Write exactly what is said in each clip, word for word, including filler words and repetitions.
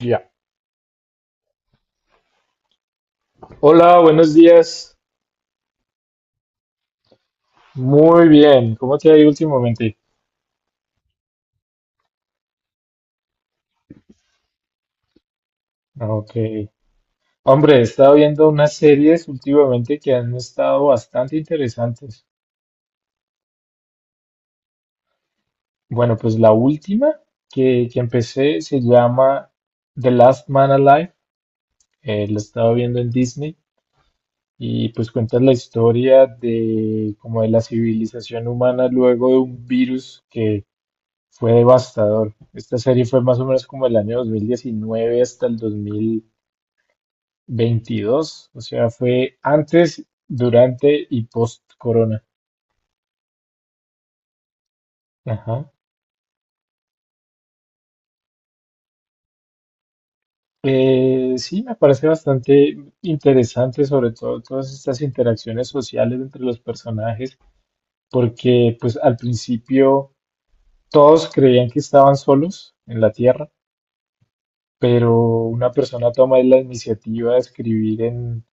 Ya. Hola, buenos días. Muy bien. ¿Cómo te ha ido últimamente? Ok. Hombre, he estado viendo unas series últimamente que han estado bastante interesantes. Bueno, pues la última que, que empecé se llama The Last Man Alive. Eh, la estaba viendo en Disney y pues cuenta la historia de como de la civilización humana luego de un virus que fue devastador. Esta serie fue más o menos como el año dos mil diecinueve hasta el dos mil veintidós, o sea, fue antes, durante y post-corona. Ajá. Eh, sí, me parece bastante interesante, sobre todo todas estas interacciones sociales entre los personajes, porque pues al principio todos creían que estaban solos en la Tierra, pero una persona toma la iniciativa de escribir en,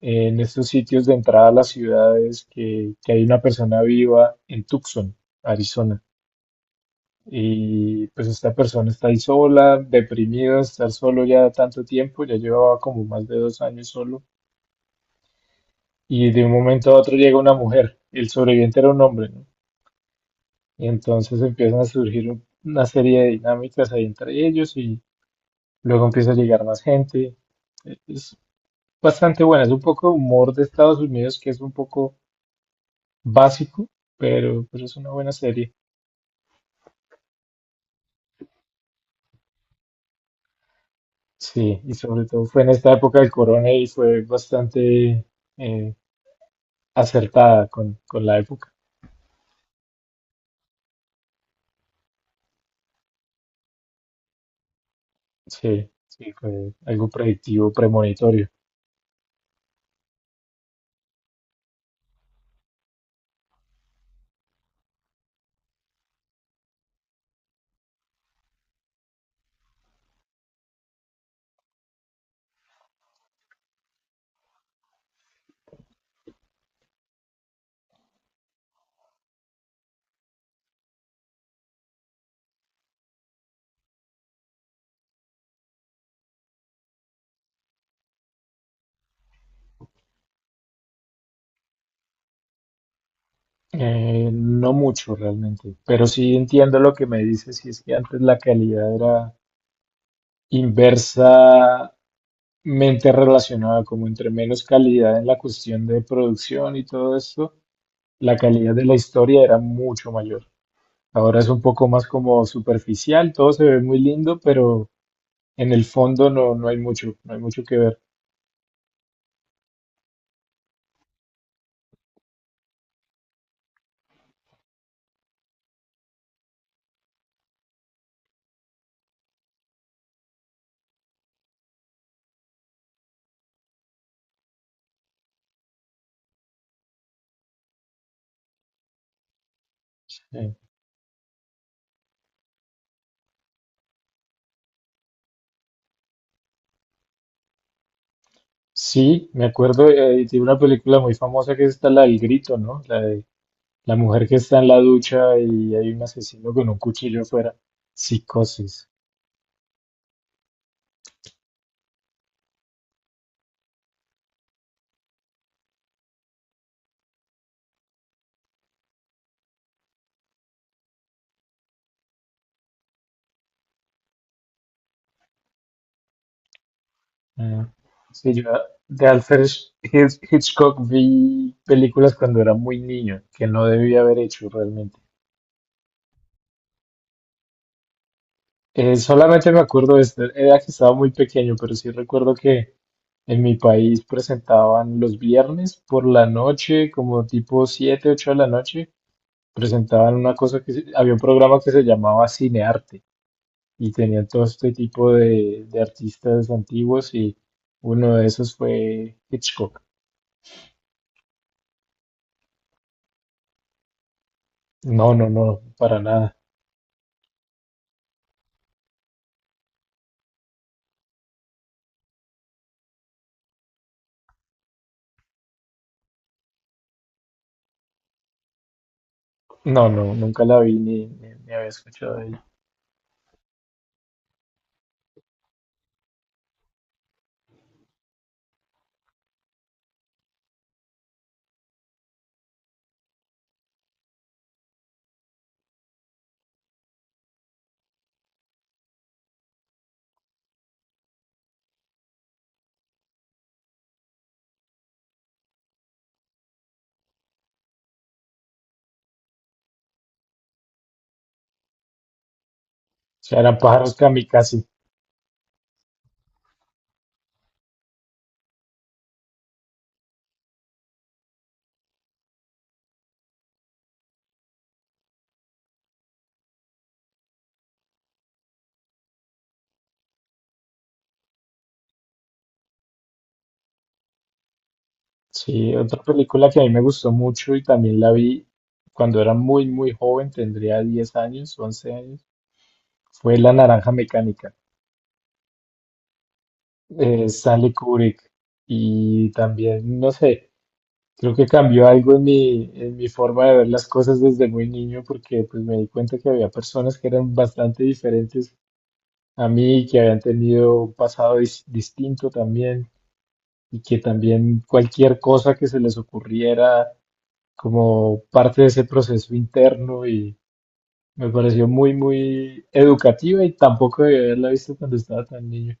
en estos sitios de entrada a las ciudades que, que hay una persona viva en Tucson, Arizona. Y pues esta persona está ahí sola, deprimida, estar solo ya tanto tiempo, ya llevaba como más de dos años solo. Y de un momento a otro llega una mujer, el sobreviviente era un hombre, ¿no? Y entonces empiezan a surgir un- una serie de dinámicas ahí entre ellos y luego empieza a llegar más gente. Eh, Es bastante buena, es un poco humor de Estados Unidos que es un poco básico, pero, pero es una buena serie. Sí, y sobre todo fue en esta época del corona y fue bastante... eh, acertada con, con la época. Sí, sí, fue algo predictivo, premonitorio. Eh, no mucho realmente, pero sí entiendo lo que me dices, y es que antes la calidad era inversamente relacionada, como entre menos calidad en la cuestión de producción y todo esto, la calidad de la historia era mucho mayor. Ahora es un poco más como superficial, todo se ve muy lindo, pero en el fondo no, no hay mucho, no hay mucho que ver. Eh, Sí, me acuerdo eh, de una película muy famosa que es esta, la del grito, ¿no? La de la mujer que está en la ducha y hay un asesino con un cuchillo afuera. Psicosis. Ah, sí, yo de Alfred Hitch- Hitchcock vi películas cuando era muy niño, que no debía haber hecho realmente. Eh, solamente me acuerdo de esto, era que estaba muy pequeño, pero sí recuerdo que en mi país presentaban los viernes por la noche, como tipo siete, ocho de la noche presentaban una cosa que se- había un programa que se llamaba Cinearte y tenían todo este tipo de, de artistas antiguos y uno de esos fue Hitchcock. No, no, no, para nada. No, no, nunca la vi ni, ni, ni había escuchado de ella. O sea, eran pájaros kamikaze. Sí, otra película que a mí me gustó mucho y también la vi cuando era muy, muy joven, tendría diez años, once años, fue La Naranja Mecánica, eh, Stanley Kubrick. Y también, no sé, Creo que cambió algo en mi, en mi forma de ver las cosas desde muy niño porque pues me di cuenta que había personas que eran bastante diferentes a mí, que habían tenido un pasado dis- distinto también y que también cualquier cosa que se les ocurriera como parte de ese proceso interno y me pareció muy, muy educativa y tampoco debía haberla visto cuando estaba tan niño.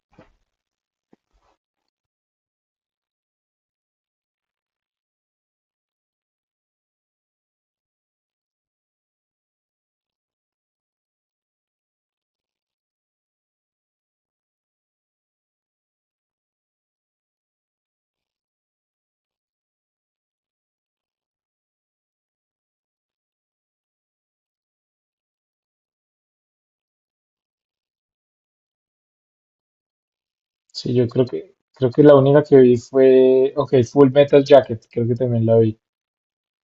Sí, yo creo que, creo que la única que vi fue, ok, Full Metal Jacket, creo que también la vi.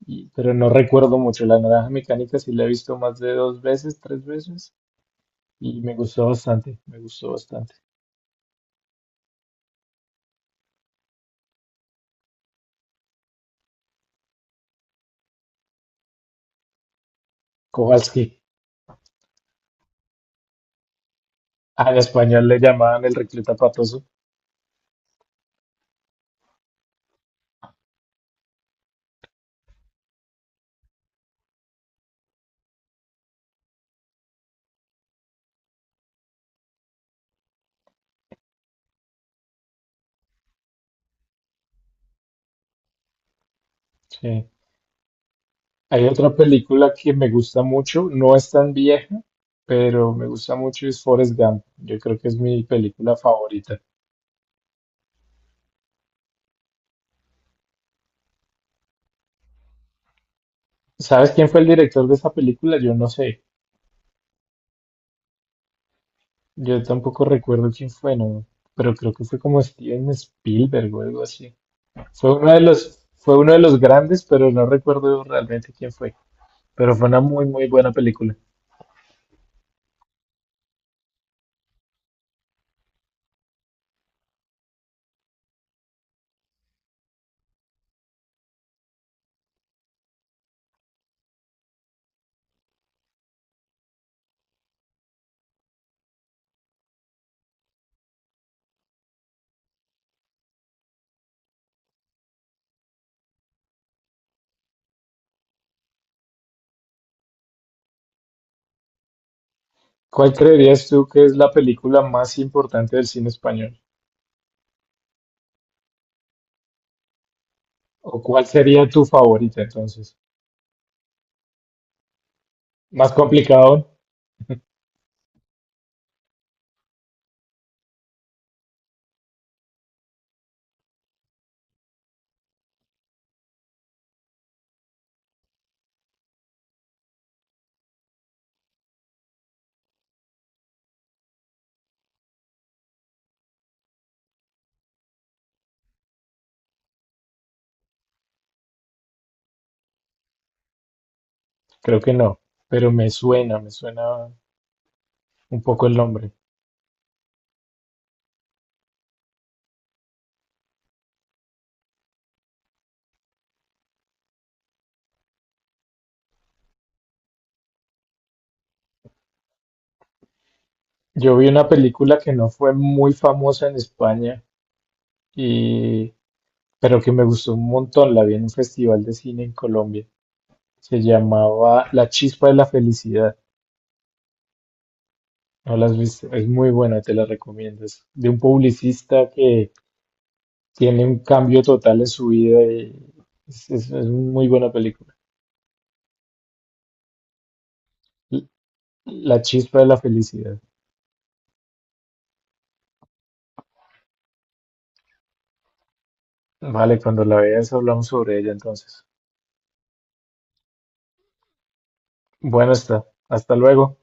y- pero no recuerdo mucho. La naranja mecánica sí la he visto más de dos veces, tres veces, y me gustó bastante, me gustó bastante. Kowalski, ah, en español le llamaban el recluta patoso. Sí. Hay otra película que me gusta mucho, no es tan vieja, pero me gusta mucho, es Forrest Gump. Yo creo que es mi película favorita. ¿Sabes quién fue el director de esa película? Yo no sé. Yo tampoco recuerdo quién fue, no, pero creo que fue como Steven Spielberg o algo así. Fue uno de los, fue uno de los grandes, pero no recuerdo realmente quién fue. Pero fue una muy, muy buena película. ¿Cuál creerías tú que es la película más importante del cine español? ¿O cuál sería tu favorita entonces? ¿Más complicado? Creo que no, pero me suena, me suena un poco el nombre. Yo vi una película que no fue muy famosa en España y pero que me gustó un montón. La vi en un festival de cine en Colombia. Se llamaba La Chispa de la Felicidad. No la has visto, es muy buena, te la recomiendo. Es de un publicista que tiene un cambio total en su vida y es, es- es muy buena película. L- La chispa de la felicidad. Vale, cuando la veas hablamos sobre ella entonces. Bueno está, hasta luego.